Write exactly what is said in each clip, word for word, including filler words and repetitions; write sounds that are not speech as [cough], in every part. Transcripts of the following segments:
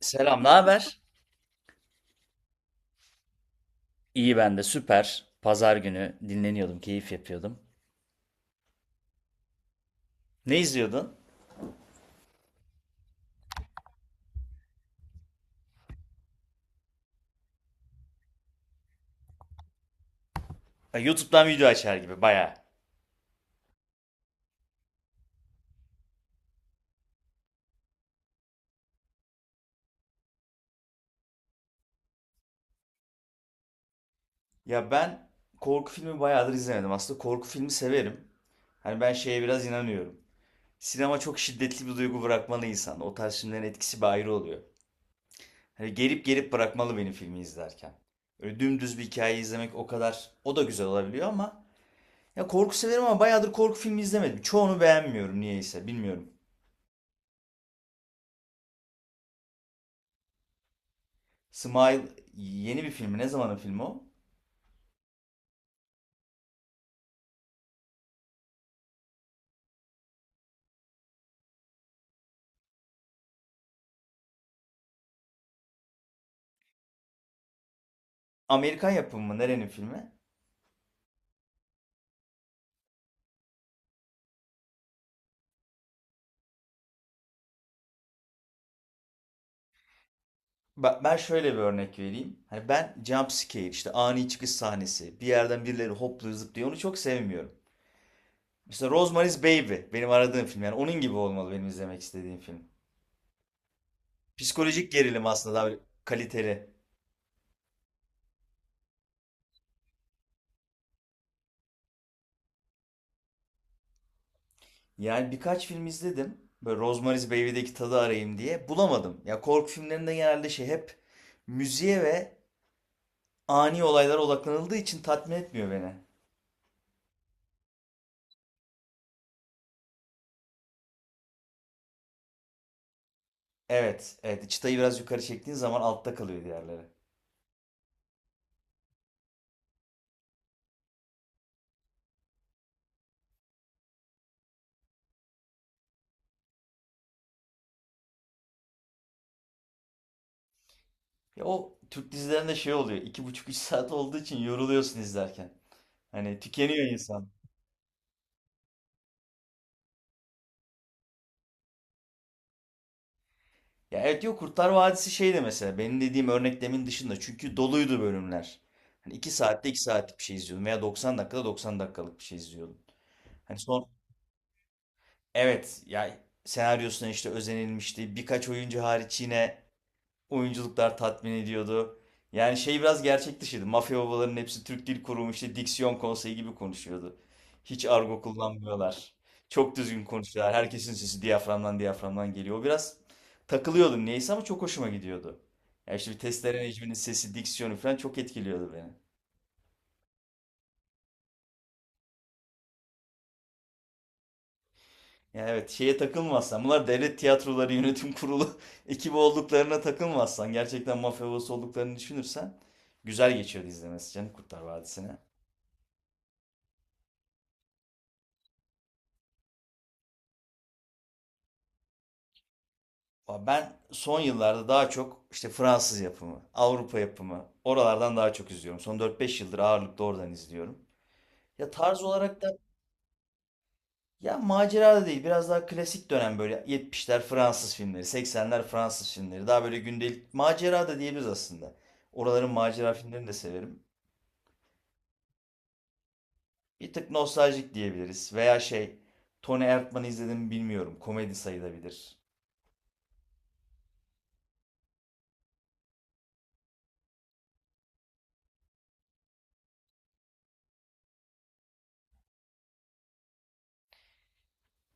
Selam, ne haber? İyi ben de süper. Pazar günü dinleniyordum, keyif yapıyordum. Ne izliyordun? Ha, YouTube'dan video açar gibi bayağı. Ya ben korku filmi bayağıdır izlemedim. Aslında korku filmi severim. Hani ben şeye biraz inanıyorum. Sinema çok şiddetli bir duygu bırakmalı insan. O tarz filmlerin etkisi bir ayrı oluyor. Hani gelip gelip bırakmalı benim filmi izlerken. Öyle dümdüz bir hikaye izlemek o kadar o da güzel olabiliyor ama ya korku severim ama bayağıdır korku filmi izlemedim. Çoğunu beğenmiyorum niyeyse bilmiyorum. Smile yeni bir filmi. Ne zamanın filmi o? Amerikan yapımı mı? Nerenin filmi? Bak ben şöyle bir örnek vereyim. Hani ben jump scare işte ani çıkış sahnesi. Bir yerden birileri hopluyor zıplıyor. Onu çok sevmiyorum. Mesela Rosemary's Baby benim aradığım film. Yani onun gibi olmalı benim izlemek istediğim film. Psikolojik gerilim aslında daha böyle kaliteli. Yani birkaç film izledim. Böyle Rosemary's Baby'deki tadı arayayım diye. Bulamadım. Ya korku filmlerinde genelde şey hep müziğe ve ani olaylara odaklanıldığı için tatmin etmiyor beni. Evet, evet. Çıtayı biraz yukarı çektiğin zaman altta kalıyor diğerleri. Ya o Türk dizilerinde şey oluyor. İki buçuk üç saat olduğu için yoruluyorsun izlerken. Hani tükeniyor insan. Ya evet yok Kurtlar Vadisi şey de mesela benim dediğim örneklemin dışında çünkü doluydu bölümler. Hani iki saatte iki saatlik bir şey izliyordum veya doksan dakikada doksan dakikalık bir şey izliyordum. Hani son evet ya senaryosuna işte özenilmişti. Birkaç oyuncu hariç yine oyunculuklar tatmin ediyordu. Yani şey biraz gerçek dışıydı. Mafya babalarının hepsi Türk Dil Kurumu işte diksiyon konseyi gibi konuşuyordu. Hiç argo kullanmıyorlar. Çok düzgün konuşuyorlar. Herkesin sesi diyaframdan diyaframdan geliyor. O biraz takılıyordum neyse ama çok hoşuma gidiyordu. Ya işte bir testere Necmi'nin sesi, diksiyonu falan çok etkiliyordu beni. Ya evet şeye takılmazsan bunlar devlet tiyatroları yönetim kurulu [laughs] ekibi olduklarına takılmazsan gerçekten mafya babası olduklarını düşünürsen güzel geçiyordu izlemesi canım Kurtlar Vadisi'ne. Ben son yıllarda daha çok işte Fransız yapımı, Avrupa yapımı oralardan daha çok izliyorum. Son dört beş yıldır ağırlıklı oradan izliyorum. Ya tarz olarak da ya macera da değil biraz daha klasik dönem böyle yetmişler Fransız filmleri, seksenler Fransız filmleri daha böyle gündelik macera da diyebiliriz aslında. Oraların macera filmlerini de severim. Bir tık nostaljik diyebiliriz veya şey Tony Erdmann'ı izledim mi bilmiyorum komedi sayılabilir.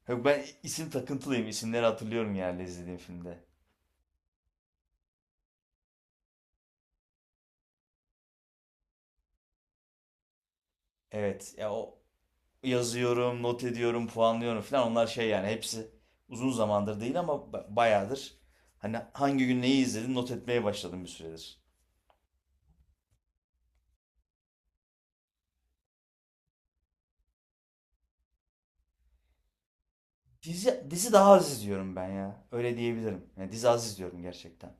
Yok ben isim takıntılıyım isimleri hatırlıyorum yani izlediğim filmde. Evet ya o yazıyorum, not ediyorum, puanlıyorum falan. Onlar şey yani hepsi uzun zamandır değil ama ba- bayağıdır. Hani hangi gün neyi izledim not etmeye başladım bir süredir. Dizi, dizi daha az izliyorum ben ya. Öyle diyebilirim. Yani dizi az izliyorum gerçekten.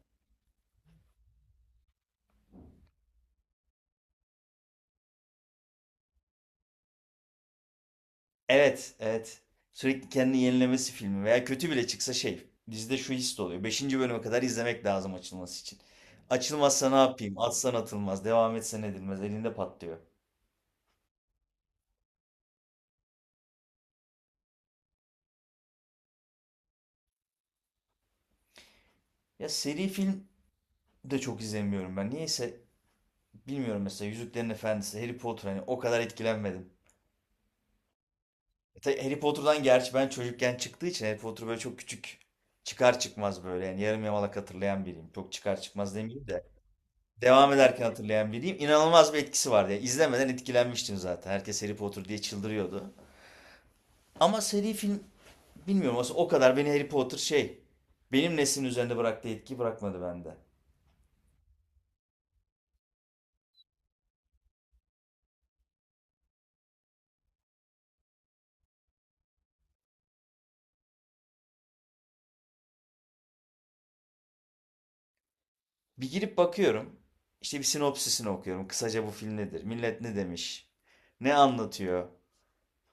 Evet, evet. Sürekli kendini yenilemesi filmi veya kötü bile çıksa şey. Dizide şu his de oluyor. Beşinci bölüme kadar izlemek lazım açılması için. Açılmazsa ne yapayım? Atsan atılmaz. Devam etsen edilmez. Elinde patlıyor. Ya seri film de çok izlemiyorum ben. Niyeyse bilmiyorum mesela Yüzüklerin Efendisi, Harry Potter hani o kadar etkilenmedim. E tabii Harry Potter'dan gerçi ben çocukken çıktığı için Harry Potter böyle çok küçük çıkar çıkmaz böyle yani yarım yamalak hatırlayan biriyim. Çok çıkar çıkmaz demeyeyim de devam ederken hatırlayan biriyim. İnanılmaz bir etkisi vardı ya. İzlemeden etkilenmiştim zaten. Herkes Harry Potter diye çıldırıyordu. Ama seri film bilmiyorum aslında o kadar beni Harry Potter şey benim neslin üzerinde bıraktığı etki bırakmadı bende. Bir girip bakıyorum. İşte bir sinopsisini okuyorum. Kısaca bu film nedir? Millet ne demiş? Ne anlatıyor?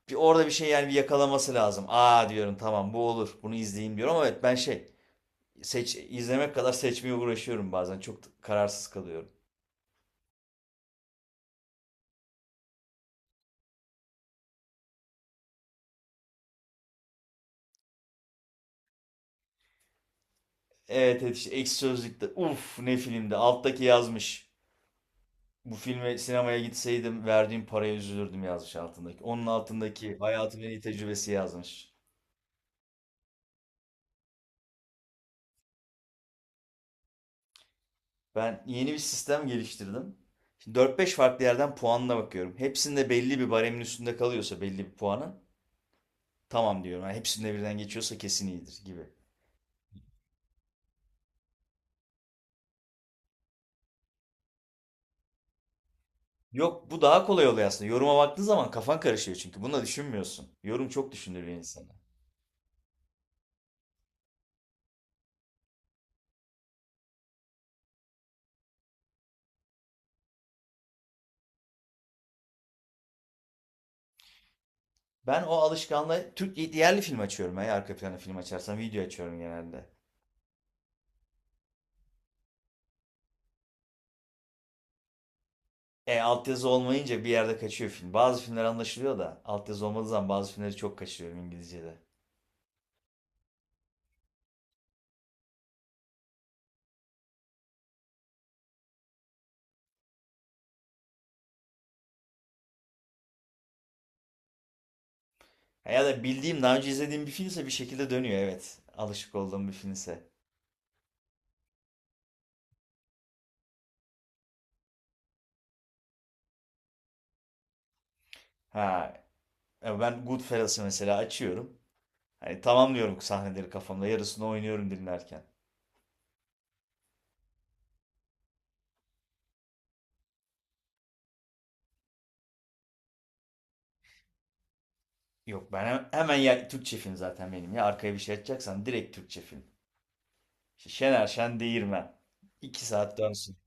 Bir orada bir şey yani bir yakalaması lazım. Aa diyorum tamam bu olur. Bunu izleyeyim diyorum ama evet ben şey seç izlemek kadar seçmeye uğraşıyorum bazen. Çok kararsız kalıyorum. Evet evet işte Ekşi Sözlük'te uf ne filmde alttaki yazmış. Bu filme sinemaya gitseydim verdiğim paraya üzülürdüm yazmış altındaki. Onun altındaki hayatımın en iyi tecrübesi yazmış. Ben yeni bir sistem geliştirdim. Şimdi dört beş farklı yerden puanına bakıyorum. Hepsinde belli bir baremin üstünde kalıyorsa belli bir puanın tamam diyorum. Yani hepsinde birden geçiyorsa kesin iyidir gibi. Yok bu daha kolay oluyor aslında. Yoruma baktığın zaman kafan karışıyor çünkü. Bunu da düşünmüyorsun. Yorum çok düşündürüyor insanı. Ben o alışkanlığı Türk yerli film açıyorum. Ben arka plana film açarsam video açıyorum genelde. E altyazı olmayınca bir yerde kaçıyor film. Bazı filmler anlaşılıyor da altyazı olmadığı zaman bazı filmleri çok kaçırıyorum İngilizce'de. Ya da bildiğim daha önce izlediğim bir filmse bir şekilde dönüyor evet. Alışık olduğum bir filmse. Ha ya ben Goodfellas'ı mesela açıyorum. Hani tamamlıyorum sahneleri kafamda. Yarısını oynuyorum dinlerken. Yok ben hem- hemen ya Türkçe film zaten benim ya. Arkaya bir şey açacaksan direkt Türkçe film. İşte Şener Şen Değirmen. İki saat dönsün.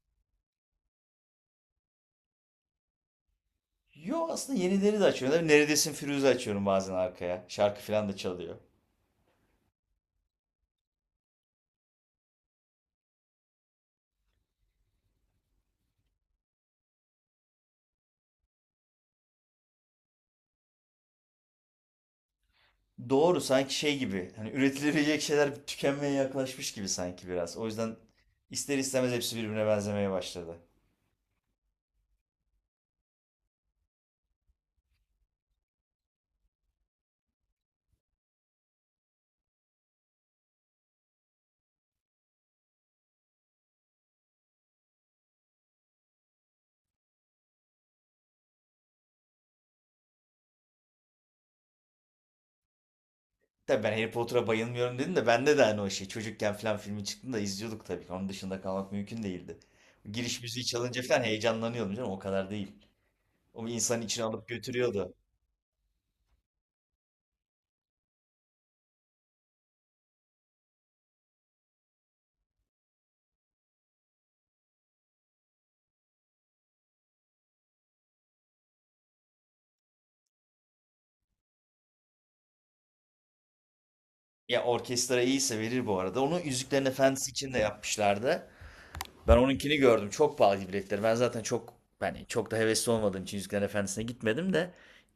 Yo aslında yenileri de açıyorum. Neredesin Firuze açıyorum bazen arkaya. Şarkı falan da çalıyor. Doğru sanki şey gibi hani üretilebilecek şeyler tükenmeye yaklaşmış gibi sanki biraz. O yüzden ister istemez hepsi birbirine benzemeye başladı. Tabii ben Harry Potter'a bayılmıyorum dedim de bende de hani o şey çocukken falan filmi çıktığında izliyorduk tabii ki. Onun dışında kalmak mümkün değildi. Giriş müziği çalınca falan heyecanlanıyordum canım o kadar değil. O bir insanın içine alıp götürüyordu. Ya orkestra iyiyse verir bu arada. Onu Yüzüklerin Efendisi için de yapmışlardı. Ben onunkini gördüm. Çok pahalı biletleri. Ben zaten çok yani çok da hevesli olmadığım için Yüzüklerin Efendisi'ne gitmedim de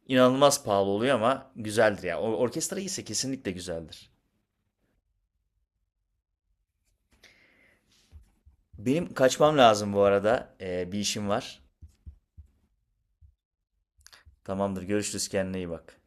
inanılmaz pahalı oluyor ama güzeldir ya. O orkestra iyiyse kesinlikle güzeldir. Benim kaçmam lazım bu arada. Ee, bir işim var. Tamamdır. Görüşürüz. Kendine iyi bak.